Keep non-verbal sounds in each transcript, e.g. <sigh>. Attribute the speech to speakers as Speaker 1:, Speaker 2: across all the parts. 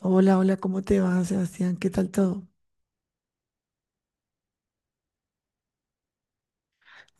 Speaker 1: Hola, hola, ¿cómo te va, Sebastián? ¿Qué tal todo?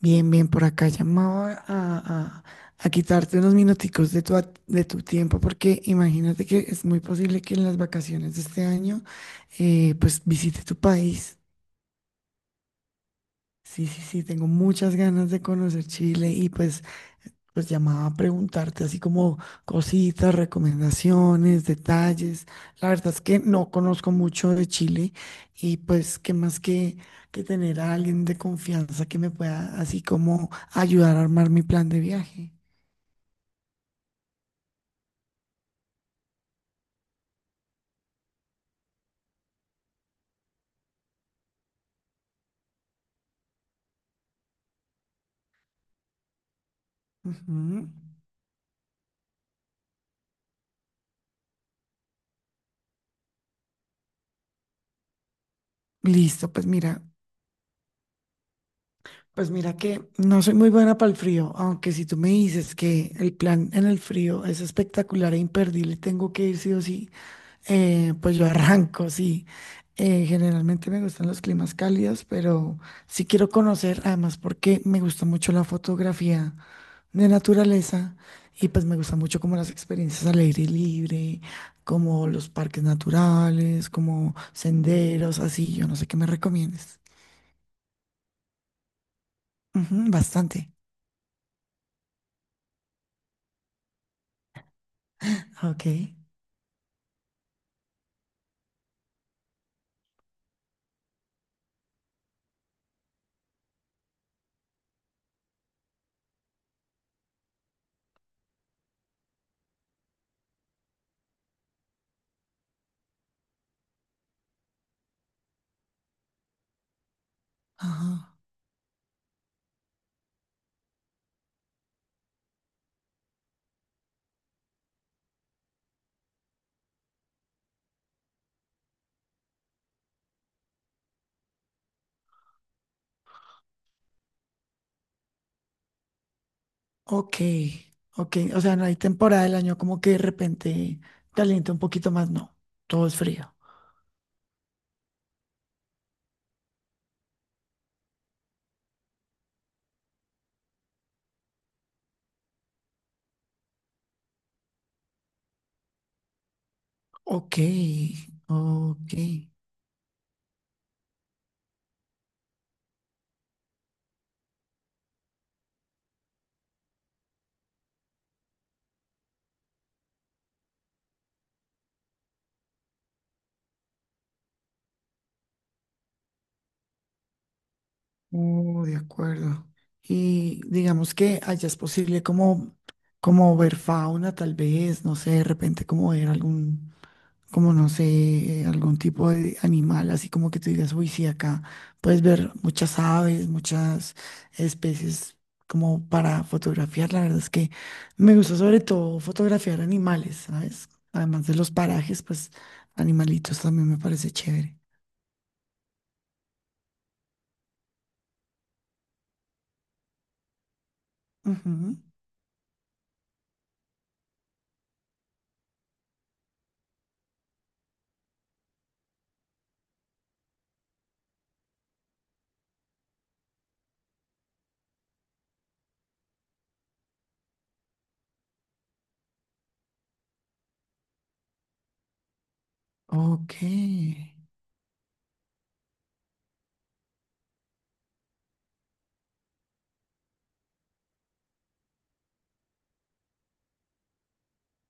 Speaker 1: Bien, bien, por acá llamaba a quitarte unos minuticos de tu tiempo porque imagínate que es muy posible que en las vacaciones de este año pues visite tu país. Sí, sí, sí, tengo muchas ganas de conocer Chile y pues pues llamaba a preguntarte así como cositas, recomendaciones, detalles. La verdad es que no conozco mucho de Chile y pues qué más que tener a alguien de confianza que me pueda así como ayudar a armar mi plan de viaje. Ujú. Listo, pues mira que no soy muy buena para el frío, aunque si tú me dices que el plan en el frío es espectacular e imperdible, tengo que ir sí o sí. Pues yo arranco, sí. Generalmente me gustan los climas cálidos, pero sí quiero conocer, además porque me gusta mucho la fotografía de naturaleza y pues me gusta mucho como las experiencias al aire libre, como los parques naturales, como senderos, así. Yo no sé qué me recomiendes. Ujú, bastante. Ok. Ajá. Ok. Ok. O sea, no hay temporada del año como que de repente calienta un poquito más, no. Todo es frío. Ok, ok. Oh, de acuerdo. Y digamos que allá es posible como, como ver fauna, tal vez, no sé, de repente como ver algún, como no sé, algún tipo de animal, así como que tú digas, uy, sí, acá puedes ver muchas aves, muchas especies como para fotografiar. La verdad es que me gusta sobre todo fotografiar animales, ¿sabes? Además de los parajes, pues animalitos también me parece chévere. Ujú. Ok.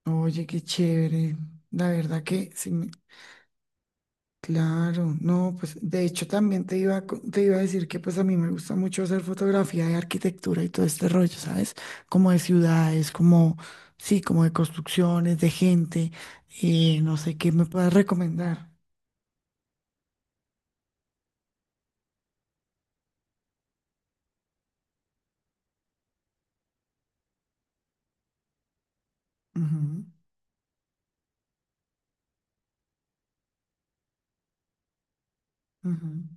Speaker 1: Oye, qué chévere. La verdad que sí, me- claro. No, pues de hecho también te iba a decir que pues a mí me gusta mucho hacer fotografía de arquitectura y todo este rollo, ¿sabes? Como de ciudades, como, sí, como de construcciones, de gente. Y no sé qué me puedas recomendar. Ujú, ujú.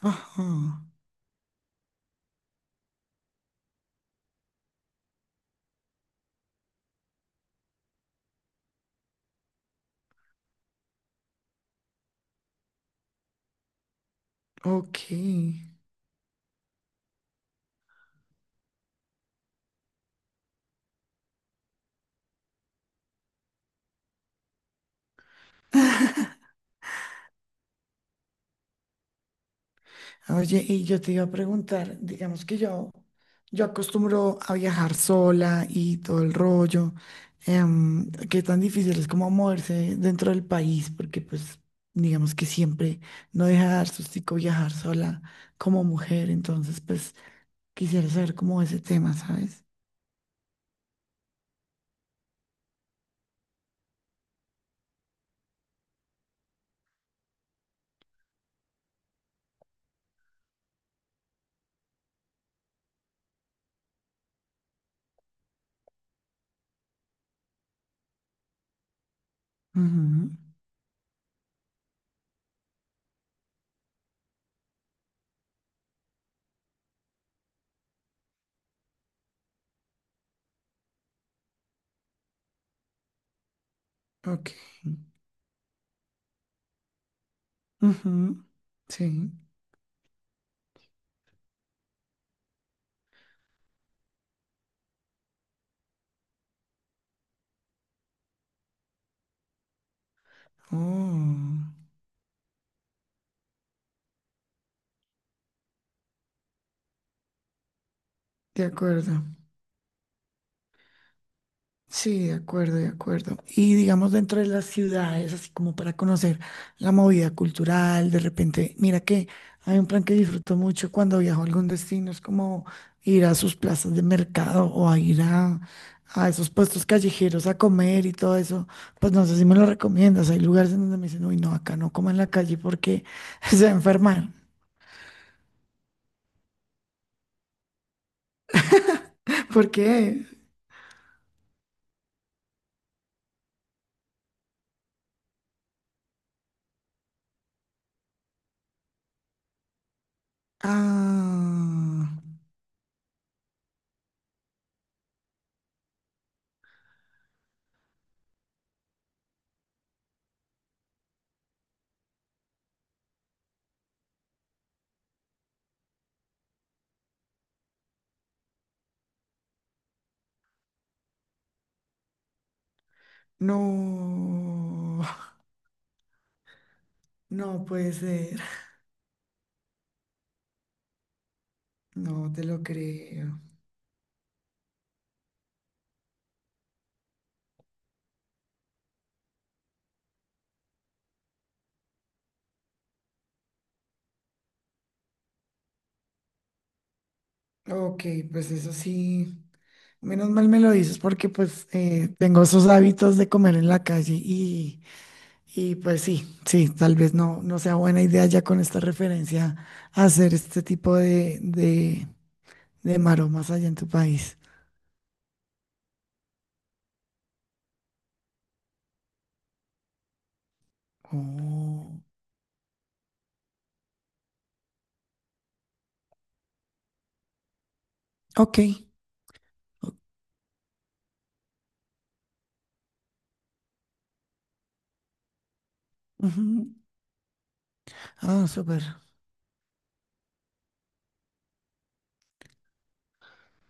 Speaker 1: Ajá. Ok. Oye, y yo te iba a preguntar, digamos que yo acostumbro a viajar sola y todo el rollo, qué tan difícil es como moverse dentro del país, porque pues digamos que siempre no deja de dar sustico viajar sola como mujer, entonces pues quisiera saber cómo ese tema, ¿sabes? Ujú, ok. Ujú, sí. Oh, de acuerdo. Sí, de acuerdo, de acuerdo. Y digamos dentro de las ciudades, así como para conocer la movida cultural, de repente, mira que hay un plan que disfruto mucho cuando viajo a algún destino, es como ir a sus plazas de mercado o a ir a esos puestos callejeros a comer y todo eso. Pues no sé si me lo recomiendas. Hay lugares en donde me dicen, uy, no, acá no coman en la calle porque <laughs> se va a enfermar. Porque, ah, no, no puede ser. No te lo creo. Ok, pues eso sí. Menos mal me lo dices porque pues tengo esos hábitos de comer en la calle y pues sí, sí, tal vez no, no sea buena idea ya con esta referencia hacer este tipo de maromas allá en tu país. Oh, ok. o- ujú. Ah, súper.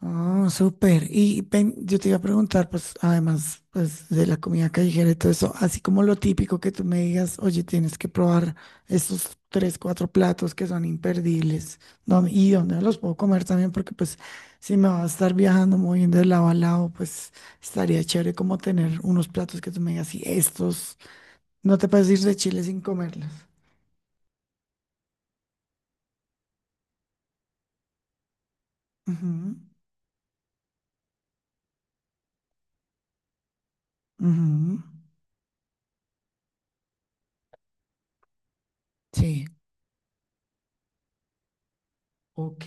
Speaker 1: Oh, súper. Y ven, yo te iba a preguntar, pues, además, pues, de la comida callejera y todo eso, así como lo típico que tú me digas, oye, tienes que probar estos tres, cuatro platos que son imperdibles, ¿dó- y dónde los puedo comer también, porque pues, si me va a estar viajando, moviendo de lado a lado, pues, estaría chévere como tener unos platos que tú me digas, y estos, no te puedes ir de Chile sin comerlos. Ujú, ujú. Sí, ok.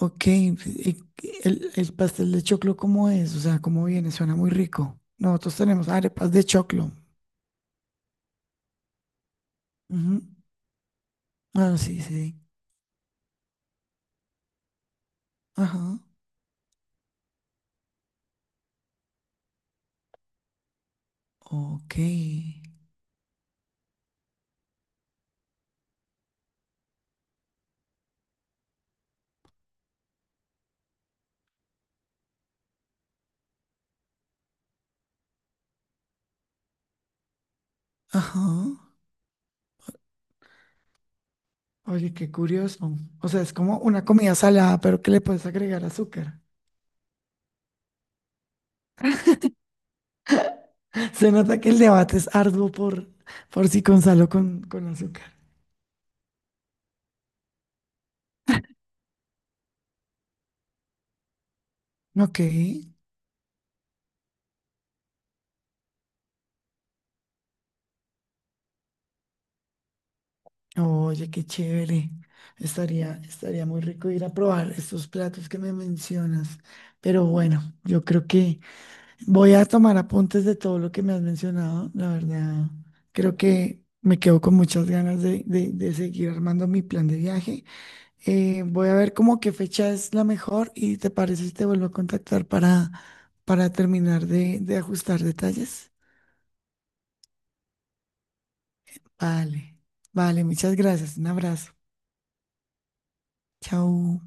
Speaker 1: Ok, y el pastel de choclo, ¿cómo es? O sea, ¿cómo viene? Suena muy rico. Nosotros tenemos arepas de choclo. Ujú. Ah, sí, sí. Ajá. Ok. Ajá. Oye, qué curioso. O sea, es como una comida salada, pero que le puedes agregar azúcar. <laughs> Se nota que el debate es arduo por si con sal o con azúcar. Ok. Oye, qué chévere. Estaría, estaría muy rico ir a probar estos platos que me mencionas. Pero bueno, yo creo que voy a tomar apuntes de todo lo que me has mencionado. La verdad, creo que me quedo con muchas ganas de seguir armando mi plan de viaje. Voy a ver como qué fecha es la mejor y te parece si te vuelvo a contactar para terminar de ajustar detalles. Vale, vale, muchas gracias. Un abrazo. Chao.